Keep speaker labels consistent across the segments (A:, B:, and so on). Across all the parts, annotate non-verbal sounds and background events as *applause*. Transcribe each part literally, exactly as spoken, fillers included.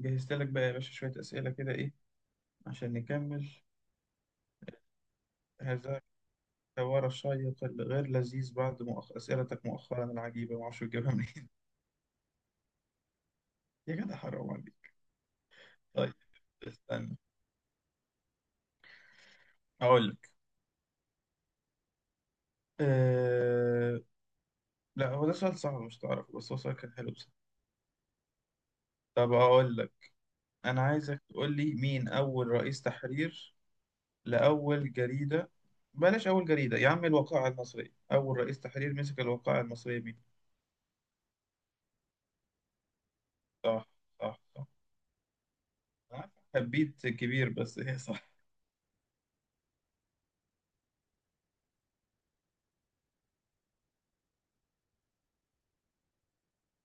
A: جهزت لك بقى يا باشا شوية أسئلة كده إيه عشان نكمل هذا الحوار الشيق الغير لذيذ بعد مؤخ... أسئلتك مؤخرا العجيبة معرفش تجيبها منين. *laughs* يا جدع حرام عليك. طيب استنى أقول لك. أه... لا هو ده سؤال صعب مش تعرف، بس هو سؤال كان حلو بصراحة. طب أقول لك، أنا عايزك تقول لي مين أول رئيس تحرير لأول جريدة. بلاش أول جريدة يا عم، الوقائع المصرية، أول رئيس تحرير مسك الوقائع المصرية مين؟ صح، صح صح. أنا عارف حبيت كبير بس هي صح.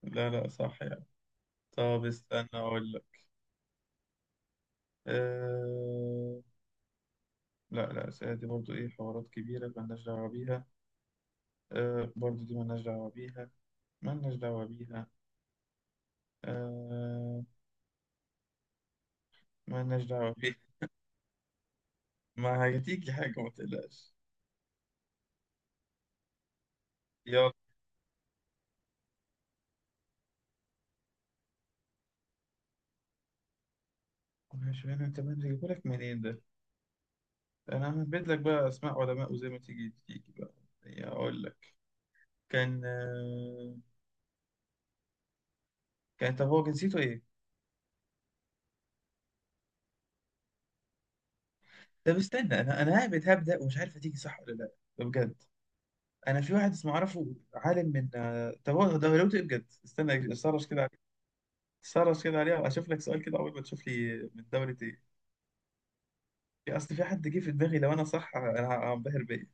A: لا لا صح يعني. طب استنى أقول لك. أه... لا لا الأسئلة دي برضو إيه حوارات كبيرة مالناش دعوة بيها. أه... برضو دي مالناش دعوة بيها، مالناش دعوة بيها. أه... مالناش دعوة بيها، ما هتيجي حاجة ما تقلقش. يلا، مش أنا، تمام هجيبهولك منين ده؟ أنا هنبت لك بقى أسماء علماء وزي ما تيجي تيجي بقى. يعني أقول لك، كان أه... كان، طب هو جنسيته إيه؟ طب استنى، أنا أنا هبت هبدأ ومش عارف هتيجي صح ولا لأ. ده بجد. انا في واحد اسمه اعرفه عالم من آه، طب هو دولته ايه بجد؟ استنى سرش كده عليه، سرش كده عليها واشوف لك سؤال كده، اول ما تشوف لي من دولة ايه. اصل في حد جه في دماغي لو انا صح انا ه- هنبهر بيا.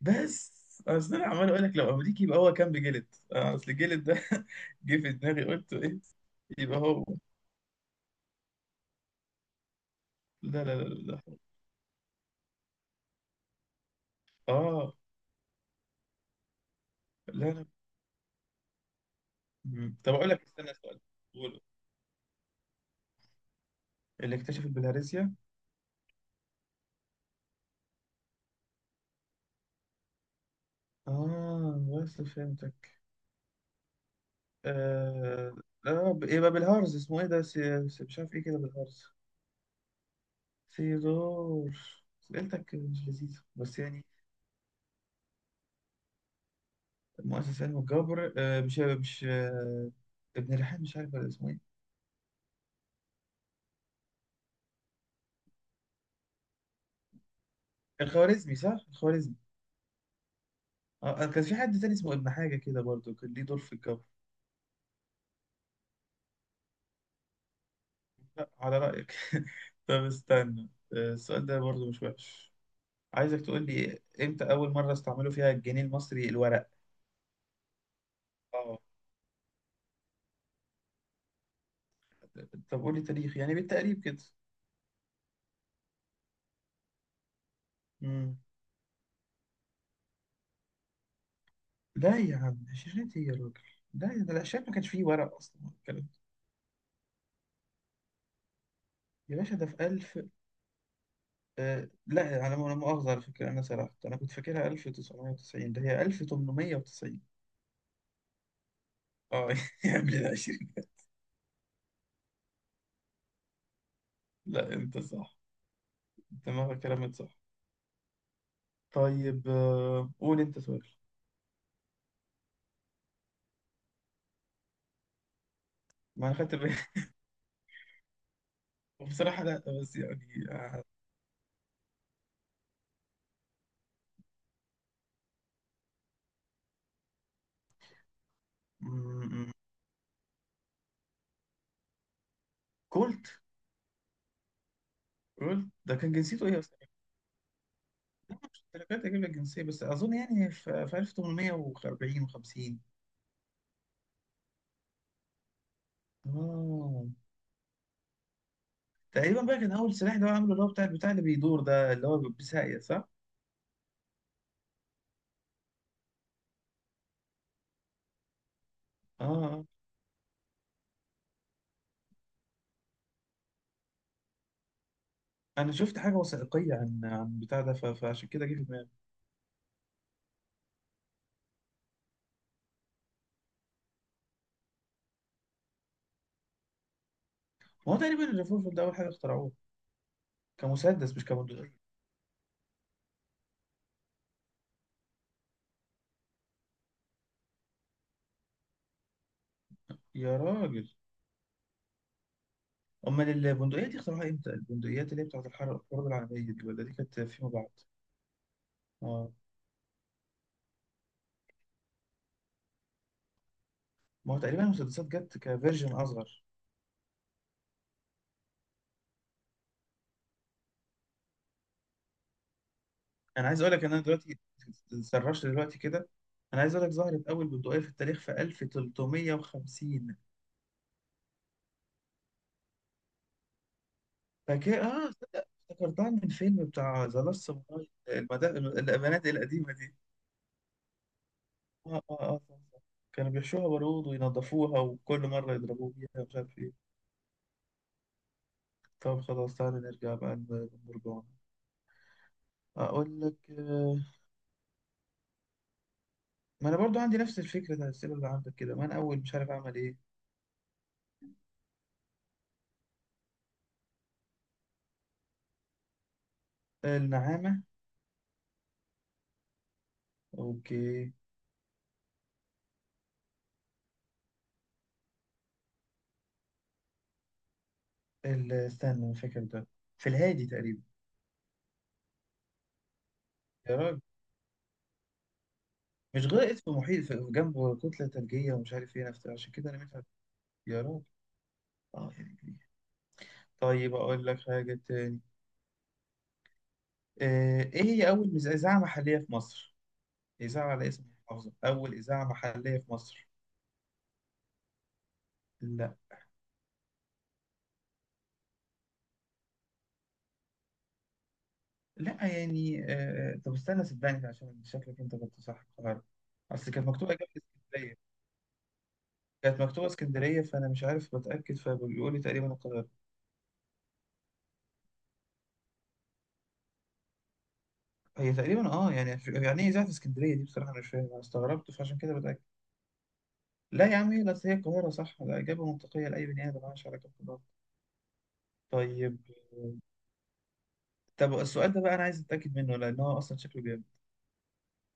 A: بس اصل انا عمال اقول لك لو امريكي يبقى هو كان بجلد. آه، اصل الجلد ده، *laughs* جه في دماغي قلت ايه، يبقى هو. لا لا لا لا. اه لا لا. مم. طب اقول لك، استنى سؤال. قوله، اللي اكتشف البلهارسيا. اه بس فهمتك. آه... آه... ب- يبقى بالهارز اسمه إيه ده، سي... سي- مش عارف إيه كده بالهارز. سيزور. سألتك مش لذيذة بس يعني. مؤسس علم الجبر آه... مش مش آه... ابن ريحان مش عارف ولا اسمه إيه. الخوارزمي صح؟ الخوارزمي. آه... آه، كان في حد تاني اسمه ابن حاجة كده برضه كان ليه دور في الجبر. لا على رأيك. *laughs* طب استنى، آه، السؤال ده برضو مش وحش. عايزك تقول لي امتى أول مرة استعملوا فيها الجنيه المصري الورق. اه، طب قول لي تاريخ يعني بالتقريب كده. مم. لا يا عم، شاشات ايه يا راجل؟ لا ده الشاشات ما كانش فيه ورق اصلا ولا الكلام ده. يا باشا ده في ألف. آه لا انا، انا مؤاخذه على فكره، انا سرحت، انا كنت فاكرها ألف تسعمية وتسعين، ده هي ألف تمنمية وتسعين. اه *laughs* يا قبل ال عشرين. لا انت صح، دماغك كلامك صح. طيب آه، قول انت سؤال. ما انا خدت بالي. *laughs* بصراحه لا بس يعني آه، م- م- كولت. كولت ده كان جنسيته ايه اصلا؟ لا، مش التلاتات اجيب لك جنسيه، بس اظن يعني في في ألف تمنمية واربعين وخمسين. اه، تقريبا بقى كان اول سلاح اللي هو عامله اللي هو بتاع البتاع اللي بيدور ده اللي هو بساقية صح؟ اه آه. انا شفت حاجه وثائقيه عن عن بتاع ده ف- فعشان كده جه في دماغي. ما هو تقريبا الريفولفر ده اول حاجه اخترعوه كمسدس مش كبندقيه. يا راجل، امال البندقيه دي اخترعوها امتى؟ البندقيات اللي هي بتاعت الحرب الحرب العالميه دي، ولا دي كانت فيما بعد؟ اه، ما هو تقريبا المسدسات جت كفيرجن اصغر. انا عايز اقول لك ان انا دلوقتي سرشت دلوقتي كده. انا عايز اقول لك ظهرت اول بندقيه في التاريخ في ألف تلتمية وخمسين. فاكر اه، تصدق افتكرتها من فيلم بتاع ذا لاست ساموراي؟ البنات القديمة دي. اه اه اه صح صح. كانوا بيحشوها برود وينضفوها وكل مرة يضربوه بيها مش عارف ايه. طب خلاص تعالى نرجع بقى للمرجان. اقول لك آه، ما انا برضو عندي نفس الفكرة بتاع الأسئلة اللي عندك كده، ما انا اول مش عارف اعمل ايه. النعامة. اوكي. ال- استنى مش فاكر ده. في الهادي تقريبا. يا راجل، مش غائط في محيط في جنبه كتلة ثلجية ومش عارف ايه نفس عشان كده انا مش عارف- يا راجل. اه يعني، طيب أقول لك حاجة تاني. آه، إيه هي أول مز- إذاعة محلية في مصر؟ إذاعة على اسم محافظة، أول إذاعة محلية في مصر. لا. لا يعني آه، طب استنى صدقني، عشان شكلك أنت كنت صح القاهرة. أصل كانت مكتوبة إجابة اسكندرية، كانت مكتوبة اسكندرية، فأنا مش عارف بتأكد فبيقول لي تقريبا القاهرة. هي تقريبا أه يعني، يعني إيه إذاعة اسكندرية دي بصراحة، أنا مش فاهم أنا استغربت فعشان كده بتأكد. لا يا عم هي بس هي القاهرة صح، ده إجابة منطقية لأي بني آدم مالهاش علاقة بالقاهرة. طيب، طب السؤال ده بقى أنا عايز أتأكد منه لأن هو أصلا شكله جامد.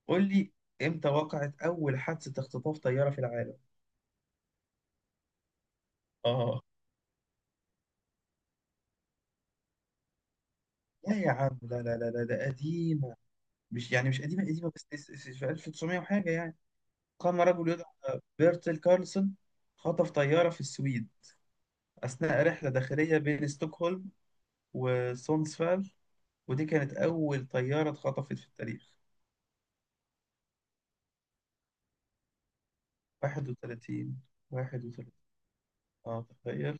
A: قول لي، إمتى وقعت أول حادثة اختطاف طيارة في العالم؟ آه، لا يا عم لا لا لا لا، ده قديمة. مش يعني مش قديمة قديمة، بس تس- تس- في ألف تسعمية وحاجة يعني. قام رجل يدعى بيرتل كارلسون خطف طيارة في السويد أثناء رحلة داخلية بين ستوكهولم وسونسفال، ودي كانت أول طيارة اتخطفت في التاريخ. احدى وثلاثين. احدى وثلاثين، اه تخيل.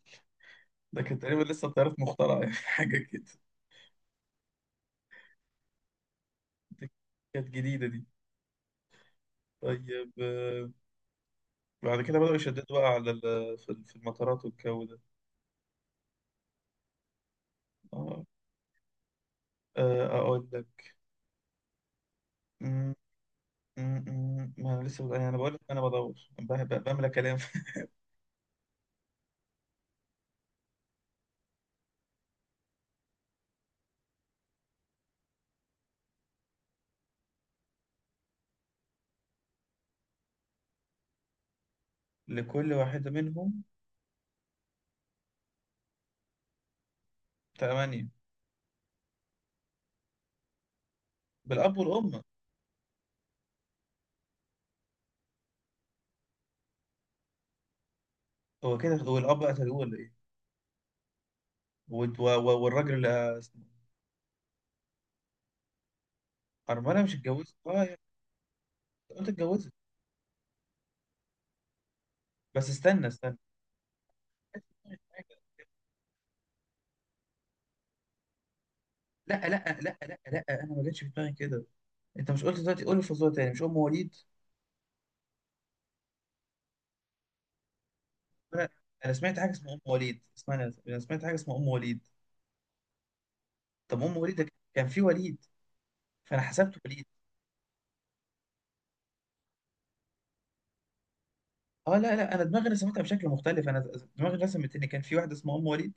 A: ده كانت تقريبا لسه الطيارات مخترعة، *laughs* يعني حاجة كده. كانت جديدة دي. طيب آه، بعد كده بدأوا يشددوا بقى على ال- في ال- في المطارات والجو ده. اه آه، أقول لك. م- م- م- ما أنا لسه يعني، أنا بقول لك أنا بدور ب- ب- بملى كلام. *laughs* لكل واحدة منهم ثمانية، بالأب والأم. هو كده، هو الأب قتلوه ولا إيه؟ والد- و- و- والراجل اللي اسمه. أرملة مش اتجوزت أه يعني؟ قلت اتجوزت. بس استنى استنى. لا لا لا لا لا، أنا ما جاتش في دماغي كده. أنت مش قلت دلوقتي قول الفزورة تاني مش أم وليد؟ انا أنا سمعت حاجه اسمها ام وليد اسمها، انا سمعت حاجه اسمها ام وليد. طب ام وليد ده كان في وليد، فانا حسبته وليد. اه لا لا، انا دماغي رسمتها بشكل مختلف، انا دماغي رسمت ان كان في واحده اسمها ام وليد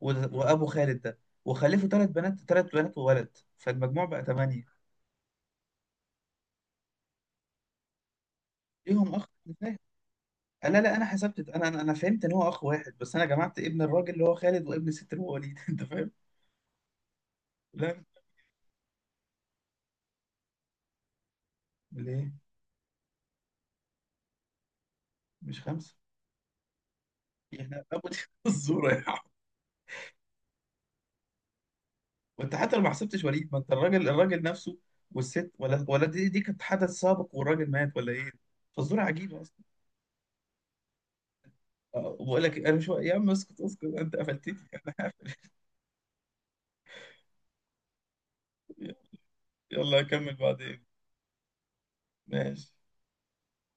A: و- وابو خالد ده، وخلفوا ثلاث بنات، ثلاث بنات وولد، فالمجموع بقى ثمانيه. ليهم اخ، أنا فاهم. آه، لا لا انا حسبت، انا انا أنا فهمت ان هو اخ واحد بس، انا جمعت ابن الراجل اللي هو خالد وابن الست اللي هو وليد. *laughs* انت فاهم؟ لا، ليه مش خمسه؟ يعني ابو *laughs* الزوره يعني. وانت حتى لو ما حسبتش وليد، ما انت الراجل، الراجل نفسه والست، ولا ولا دي، دي كانت حدث سابق والراجل مات ولا ايه؟ فالظروف عجيبه اصلا. آه، وبقول لك انا مش، يا عم اسكت اسكت انت قفلتني، *laughs* انا قافل. يلا اكمل بعدين. ماشي.